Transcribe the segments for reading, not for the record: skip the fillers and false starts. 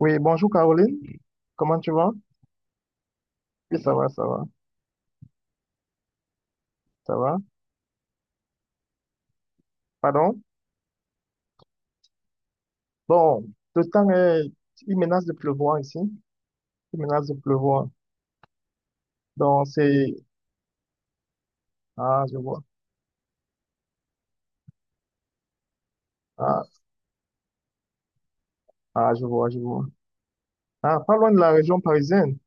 Oui, bonjour Caroline. Comment tu vas? Oui, ça va, ça va, ça va. Pardon? Bon, le temps est... Il menace de pleuvoir ici. Il menace de pleuvoir. Donc, c'est... Ah, je vois. Ah, ah, je vois, je vois. Ah, pas loin de la région parisienne.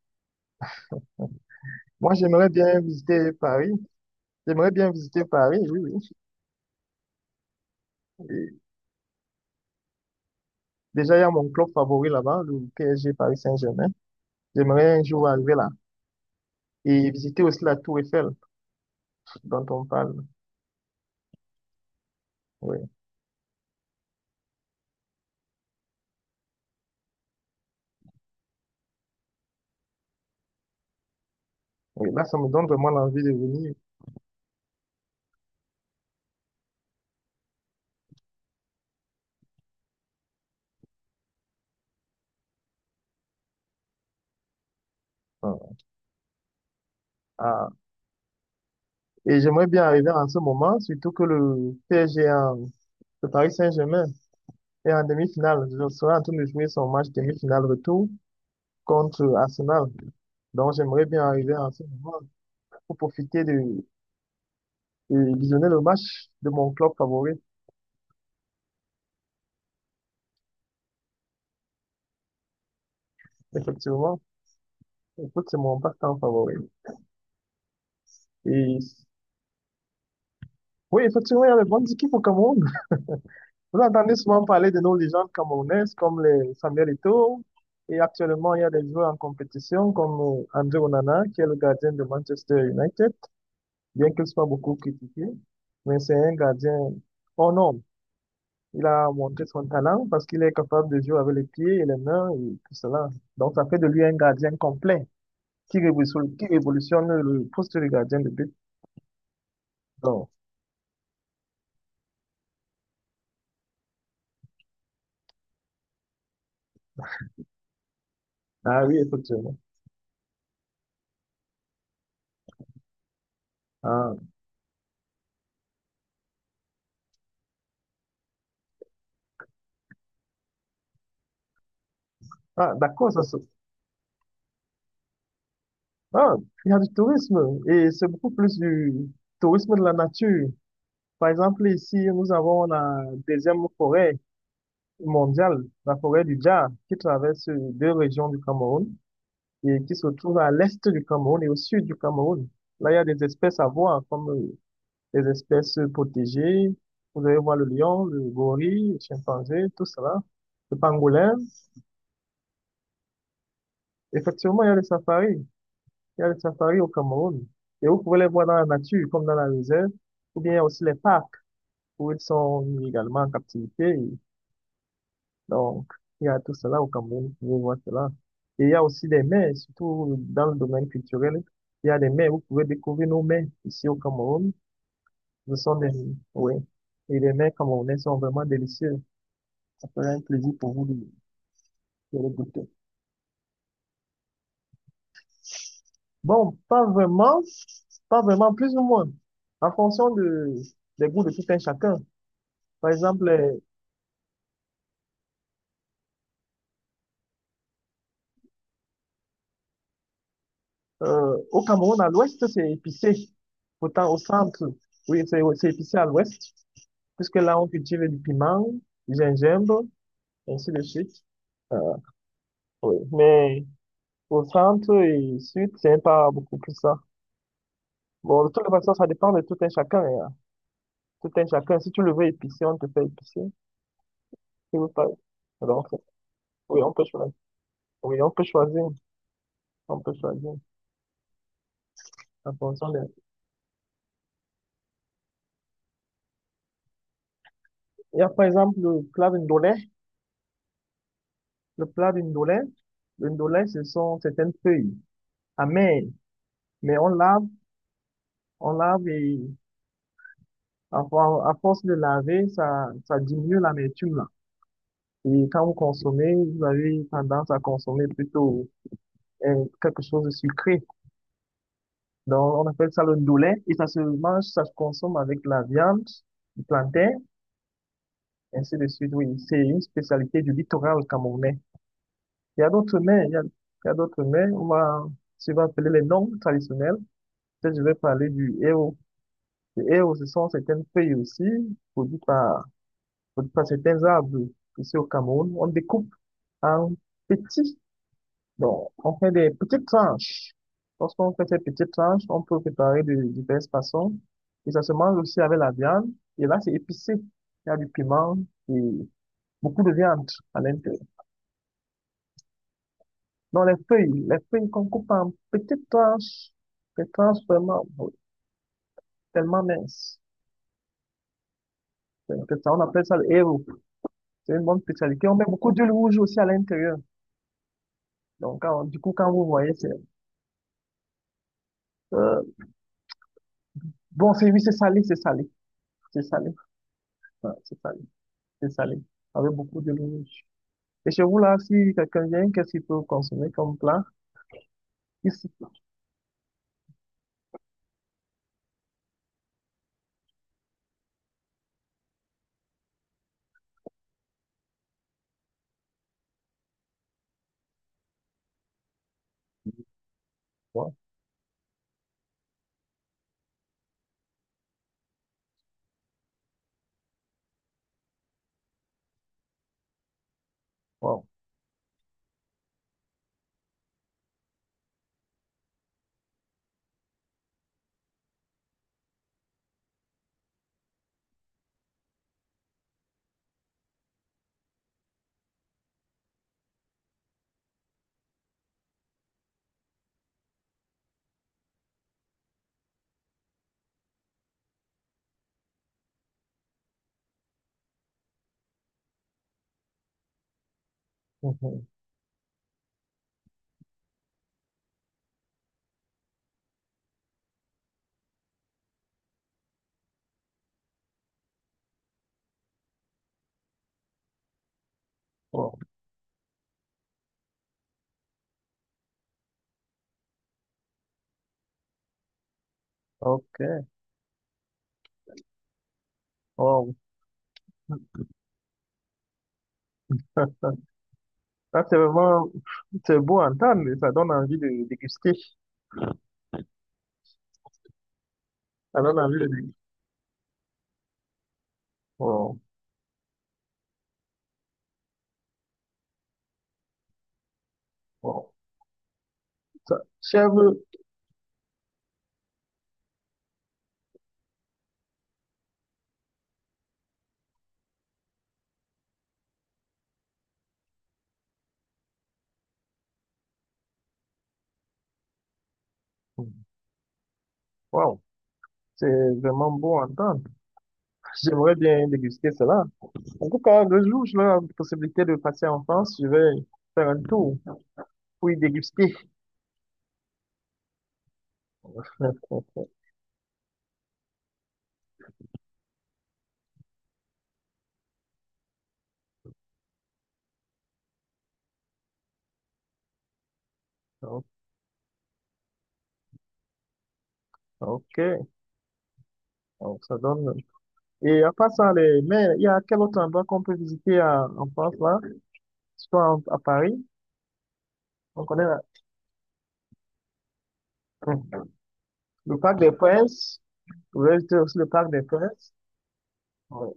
Moi, j'aimerais bien visiter Paris. J'aimerais bien visiter Paris, oui, oui. Et déjà, il y a mon club favori là-bas, le PSG Paris Saint-Germain. J'aimerais un jour arriver là. Et visiter aussi la Tour Eiffel dont on parle. Oui, oui. Là, ça me donne vraiment l'envie de venir. Ah, et j'aimerais bien arriver en ce moment, surtout que le le Paris Saint-Germain, est en demi-finale. Je serai en train de jouer son match demi-finale retour contre Arsenal. Donc j'aimerais bien arriver en ce moment pour profiter de visionner le match de mon club favori. Effectivement, écoute, c'est mon passe-temps favori. Et oui, effectivement, il y a de bonnes équipes au Cameroun. Vous entendez souvent parler de nos légendes camerounaises comme les Samuel Eto'o et actuellement il y a des joueurs en compétition comme André Onana qui est le gardien de Manchester United, bien qu'il soit beaucoup critiqué, mais c'est un gardien hors norme. Il a montré son talent parce qu'il est capable de jouer avec les pieds et les mains et tout cela. Donc ça fait de lui un gardien complet qui révolutionne le poste de gardien de but. Donc, ah oui, effectivement. Ah, ah, d'accord, ça, se- Ah, il y a du tourisme et c'est beaucoup plus du tourisme de la nature. Par exemple, ici, nous avons la deuxième forêt mondiale, la forêt du Dja, qui traverse deux régions du Cameroun et qui se trouve à l'est du Cameroun et au sud du Cameroun. Là, il y a des espèces à voir, comme les espèces protégées. Vous allez voir le lion, le gorille, le chimpanzé, tout cela, le pangolin. Effectivement, il y a les safaris. Il y a le safari au Cameroun. Et vous pouvez les voir dans la nature, comme dans la réserve, ou bien aussi les parcs, où ils sont également en captivité. Donc, il y a tout cela au Cameroun, vous pouvez voir cela. Et il y a aussi des mers, surtout dans le domaine culturel. Il y a des mers, vous pouvez découvrir nos mers ici au Cameroun. Ce sont des, oui. Et les mers camerounaises sont vraiment délicieuses. Ça ferait un plaisir pour vous de les goûter. Bon, pas vraiment, pas vraiment, plus ou moins, en fonction de, des goûts de tout un chacun. Par exemple, au Cameroun, à l'ouest, c'est épicé. Pourtant, au centre, oui, c'est épicé à l'ouest, puisque là, on cultive du piment, du gingembre, ainsi de suite. Euh, oui. Mais au centre et sud, c'est pas beaucoup plus ça. Bon, de toute façon, ça dépend de tout un chacun, hein. Tout un chacun. Si tu le veux épicé, on te fait épicé. Si vous pas. Donc, oui, on peut choisir. Oui, on peut choisir. On peut choisir en fonction de... Il y a par exemple le clave indolent. Le plat d'une dolay, une dolay, ce sont certaines feuilles amères, mais on lave et à force de laver, ça diminue l'amertume là. Et quand vous consommez, vous avez tendance à consommer plutôt quelque chose de sucré. Donc, on appelle ça le ndolé et ça se mange, ça se consomme avec la viande, du plantain, ainsi de suite. Oui, c'est une spécialité du littoral camerounais. Il y a d'autres mets, il y a d'autres mets, on va, si on va appeler les noms traditionnels. Que je vais parler du héros. Le héros, ce sont certaines feuilles aussi, produites par, produites par certains arbres. Ici au Cameroun, on découpe en petits, donc on fait des petites tranches. Lorsqu'on fait ces petites tranches, on peut préparer de diverses façons. Et ça se mange aussi avec la viande. Et là, c'est épicé. Il y a du piment et beaucoup de viande à l'intérieur. Donc les feuilles qu'on coupe en petites tranches, des tranches vraiment, oh, tellement minces. C'est ça, on appelle ça le héros. C'est une bonne spécialité. On met beaucoup d'huile rouge aussi à l'intérieur. Donc, du coup, quand vous voyez, c'est... euh, bon, oui, c'est salé. C'est salé. Ouais, c'est salé. C'est salé. Avec beaucoup d'huile rouge. Et chez vous, là, si quelqu'un vient, qu'est-ce qu'il peut consommer comme plat? Ici. Wow. Wow. Mhm. Wow. OK. Wow. Ça, c'est vraiment... C'est beau à entendre, mais ça donne envie de déguster. Ça donne envie de déguster. Wow. Wow. Ça, chèvre, wow, c'est vraiment beau à entendre. J'aimerais bien déguster cela. En tout cas, le jour où j'aurai la possibilité de passer en France, je vais faire un tour pour y déguster. Oh, ok, donc, ça donne. Et à part ça, les... mais il y a quel autre endroit qu'on peut visiter en France là? Soit à Paris. Donc, on est là. Hum. Le Parc des Princes. Vous avez visité aussi le Parc des Princes. Oui,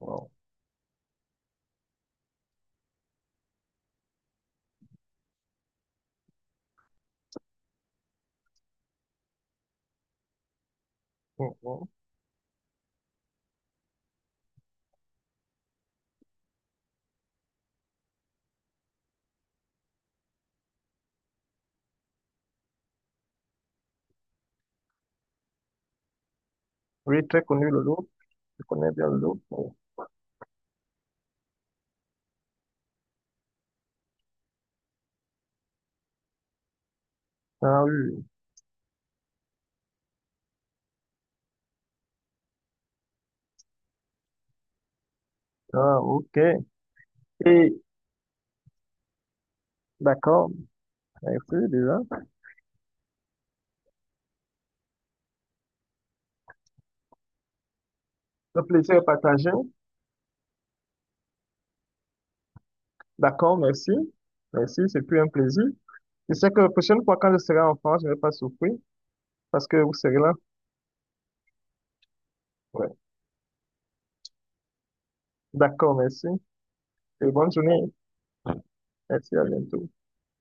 wow. Hum, hum. Oui, très connu le Louvre. Je connais bien le Louvre. Oui. Ah oui. Ah, ok. Et d'accord. Merci déjà. Le plaisir est partagé. D'accord, merci. Merci, c'est plus un plaisir. Je sais que la prochaine fois, quand je serai en France, je ne vais pas souffrir parce que vous serez là. Ouais. D'accord, merci. Et bonne journée. Merci, à bientôt.